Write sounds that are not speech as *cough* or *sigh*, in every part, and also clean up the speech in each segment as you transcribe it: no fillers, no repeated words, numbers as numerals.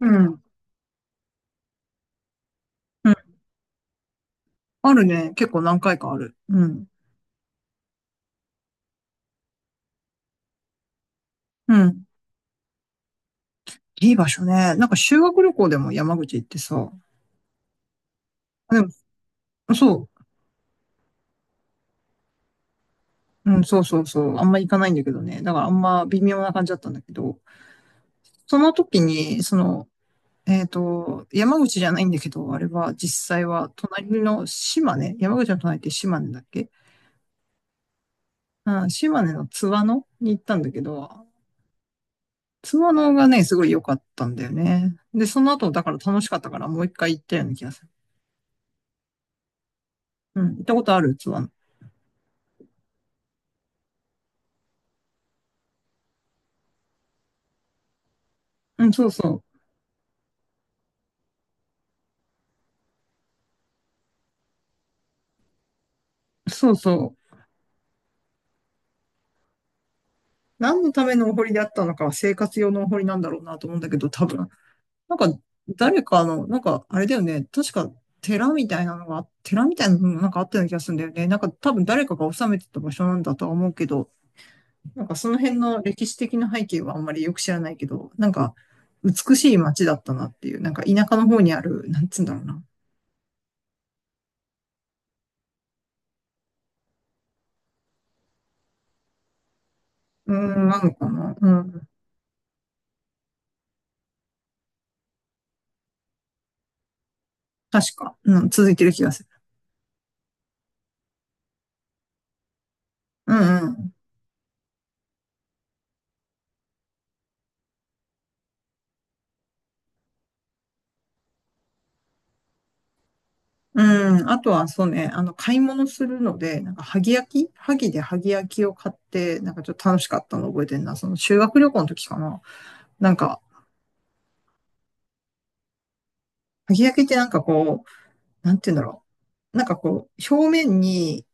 うん。うん。あるね。結構何回かある。うん。うん。いい場所ね。なんか修学旅行でも山口行ってさ。でも、そう。うん、そうそうそう。あんま行かないんだけどね。だからあんま微妙な感じだったんだけど。その時に、その、山口じゃないんだけど、あれは実際は隣の島根、山口の隣って島根だっけ？うん、島根の津和野に行ったんだけど、津和野がね、すごい良かったんだよね。で、その後、だから楽しかったからもう一回行ったような気がする。うん、行ったことある器。うん、そうそう。そうそう。何のためのお堀であったのかは生活用のお堀なんだろうなと思うんだけど、多分。なんか、誰かの、なんか、あれだよね。確か、寺みたいなのがなんかあったような気がするんだよね。なんか、多分誰かが治めてた場所なんだとは思うけど、なんかその辺の歴史的な背景はあんまりよく知らないけど、なんか、美しい街だったなっていう、なんか田舎の方にある、なんつうんだろうな。うーん、なのかな。うん。確か、うん、続いてる気がする。うんうん。うん。あとは、そうね、あの、買い物するので、なんか、萩焼き萩で萩焼きを買って、なんかちょっと楽しかったの覚えてんな。その修学旅行の時かな。なんか、萩焼きってなんかこう、なんて言うんだろう。なんかこう、表面に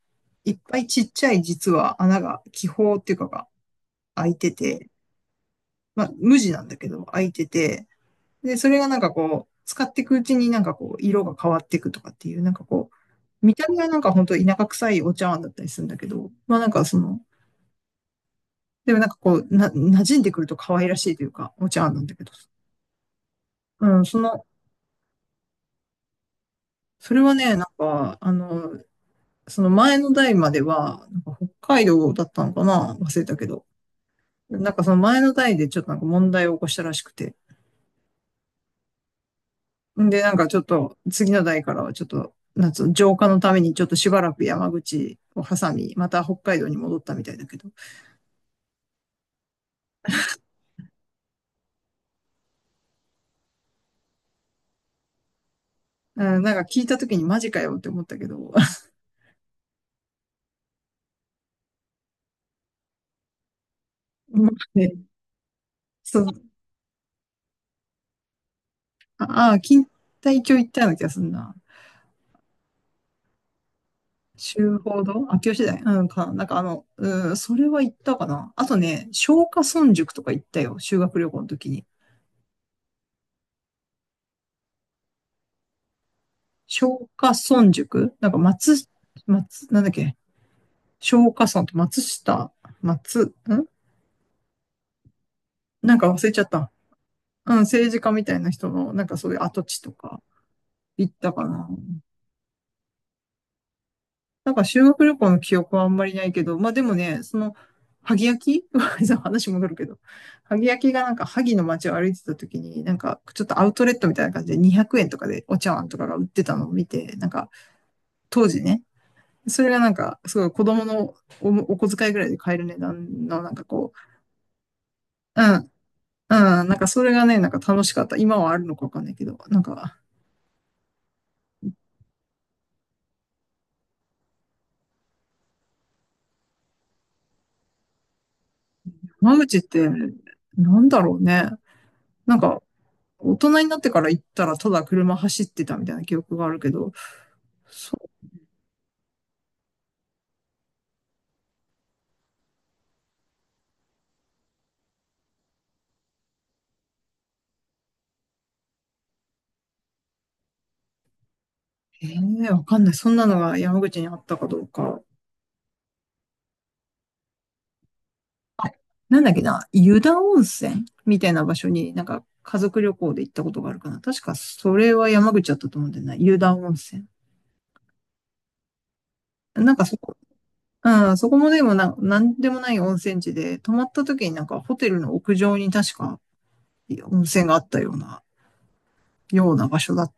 いっぱいちっちゃい実は穴が、気泡っていうかが開いてて、まあ、無地なんだけど、開いてて、で、それがなんかこう、使っていくうちになんかこう、色が変わっていくとかっていう、なんかこう、見た目はなんか本当田舎臭いお茶碗だったりするんだけど、まあなんかその、でもなんかこう、な、馴染んでくると可愛らしいというか、お茶碗なんだけど。うん、その、それはね、なんか、あの、その前の代までは、なんか北海道だったのかな忘れたけど。なんかその前の代でちょっとなんか問題を起こしたらしくて。んで、なんかちょっと、次の代からはちょっと、なんつうの浄化のためにちょっとしばらく山口を挟み、また北海道に戻ったみたいだけど。うん、なんか聞いた時にマジかよって思ったけど。*laughs* ね、そう、ああ、錦帯橋行ったような気がするな。週報堂秋吉台うんか。なんかあの、うん、それは行ったかな。あとね、松下村塾とか行ったよ。修学旅行の時に。松下村塾なんか松、松、なんだっけ松下村と松下、松、んなんか忘れちゃった。うん、政治家みたいな人の、なんかそういう跡地とか行ったかな。なんか修学旅行の記憶はあんまりないけど、まあでもね、その、萩焼き *laughs* そう話戻るけど、萩焼きがなんか萩の街を歩いてた時に、なんかちょっとアウトレットみたいな感じで200円とかでお茶碗とかが売ってたのを見て、なんか当時ね、それがなんかすごい子供のおお小遣いぐらいで買える値段のなんかこう、うん、うん、なんかそれがね、なんか楽しかった。今はあるのかわかんないけど、なんか、間口ってなんだろうね。なんか大人になってから行ったらただ車走ってたみたいな記憶があるけど、そう、ええわかんない。そんなのが山口にあったかどうか。あなんだっけな、湯田温泉みたいな場所になんか家族旅行で行ったことがあるかな。確かそれは山口だったと思うんだよな、湯田温泉。なんかそこ、うん、そこもでもな、なんでもない温泉地で、泊まった時になんかホテルの屋上に確か温泉があったような、ような場所だっ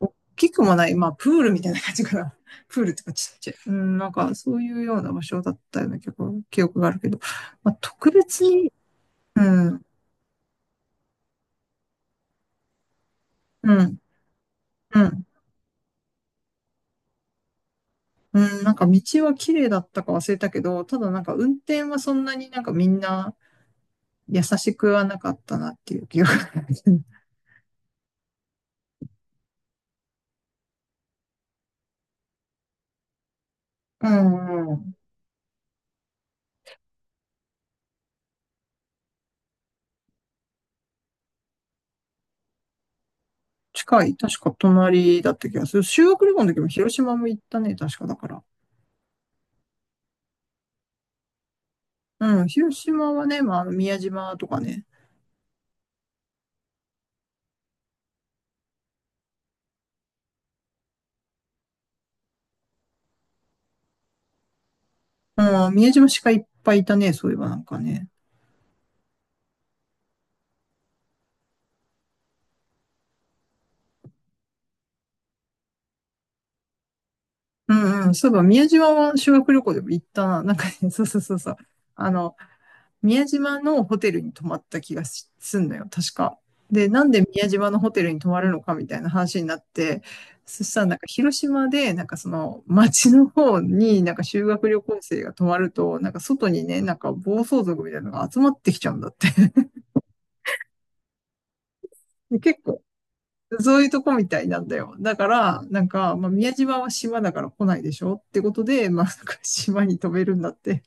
大きくもない、まあ、プールみたいな感じかな。*laughs* プールとかちっちゃい。うん、なんか、そういうような場所だったような結構記憶があるけど、まあ、特別に、うん、うん、うん、うん、なんか道は綺麗だったか忘れたけど、ただなんか運転はそんなになんかみんな優しくはなかったなっていう記憶がある。*laughs* うんうん。近い。確か隣だった気がする。修学旅行の時も広島も行ったね、確かだから。うん、広島はね、まあ、あの宮島とかね、うん、宮島鹿いっぱいいたね、そういえばなんかね。うんうん、そういえば宮島は修学旅行でも行ったな。なんかね、*laughs* そうそうそうそう。あの、宮島のホテルに泊まった気がしすんのよ、確か。で、なんで宮島のホテルに泊まるのかみたいな話になって、そしたらなんか広島で、なんかその町の方になんか修学旅行生が泊まると、なんか外にね、なんか暴走族みたいなのが集まってきちゃうんだって。*laughs* で結構そういうとこみたいなんだよ。だから、なんか、まあ、宮島は島だから来ないでしょってことで、まあ、なんか島に飛べるんだって。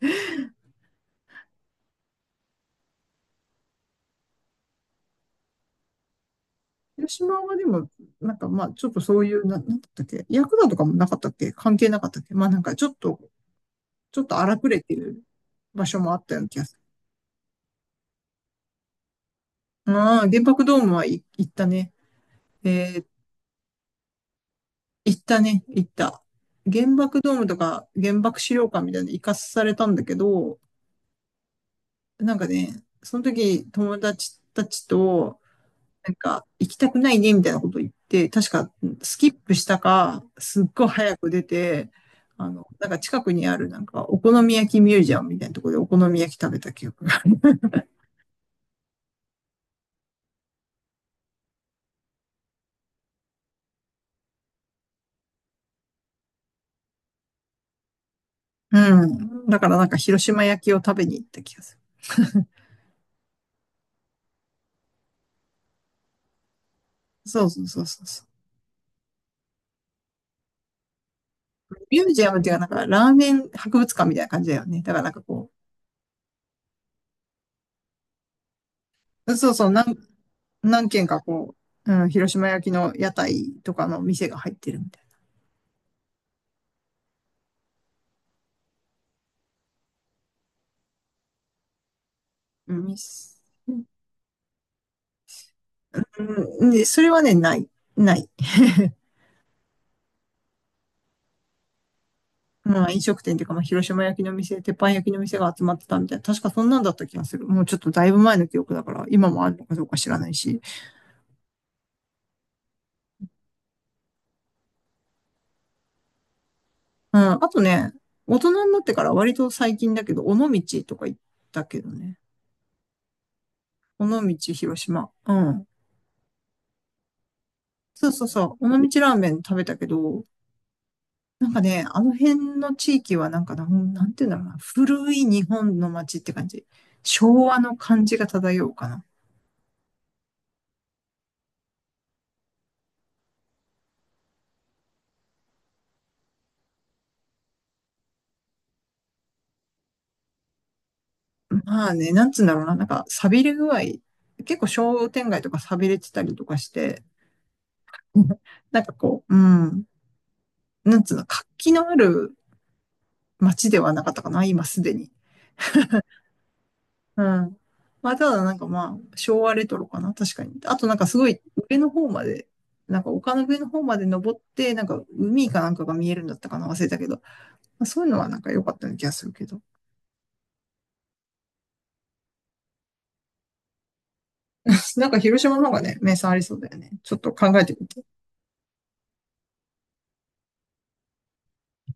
広島はでも、なんかまあ、ちょっとそういう、な、なんだったっけヤクザとかもなかったっけ関係なかったっけまあなんかちょっと、ちょっと荒くれてる場所もあったような気がする。ああ、原爆ドームはい行ったね。えー、行ったね、行った。原爆ドームとか原爆資料館みたいなの行かされたんだけど、なんかね、その時友達たちと、なんか、行きたくないね、みたいなこと言って、確か、スキップしたか、すっごい早く出て、あの、なんか近くにある、なんか、お好み焼きミュージアムみたいなところでお好み焼き食べた記憶がある。*laughs* うん。だからなんか、広島焼きを食べに行った気がする。そうそうそうそうそう。ミュージアムっていうか、なんか、ラーメン博物館みたいな感じだよね。だからなんかこう、そうそう、何、何軒かこう、うん、広島焼きの屋台とかの店が入ってるみたいな。うん店うん、で、それはね、ない。ない。*laughs* まあ、飲食店っていうか、まあ、広島焼きの店、鉄板焼きの店が集まってたみたいな。確かそんなんだった気がする。もうちょっとだいぶ前の記憶だから、今もあるのかどうか知らないし。うん。あとね、大人になってから割と最近だけど、尾道とか行ったけどね。尾道、広島。うん。そうそうそう。尾道ラーメン食べたけど、なんかね、あの辺の地域はなんかな、なんていうんだろうな。古い日本の街って感じ。昭和の感じが漂うかな。まあね、なんつうんだろうな。なんか、寂れ具合。結構商店街とか寂れてたりとかして、*laughs* なんかこう、うん。なんつうの、活気のある街ではなかったかな、今すでに。うん。まあ、ただなんかまあ、昭和レトロかな、確かに。あとなんかすごい上の方まで、なんか丘の上の方まで登って、なんか海かなんかが見えるんだったかな、忘れたけど。まあ、そういうのはなんか良かったような気がするけど。*laughs* なんか広島の方がね、名産ありそうだよね。ちょっと考えてみて。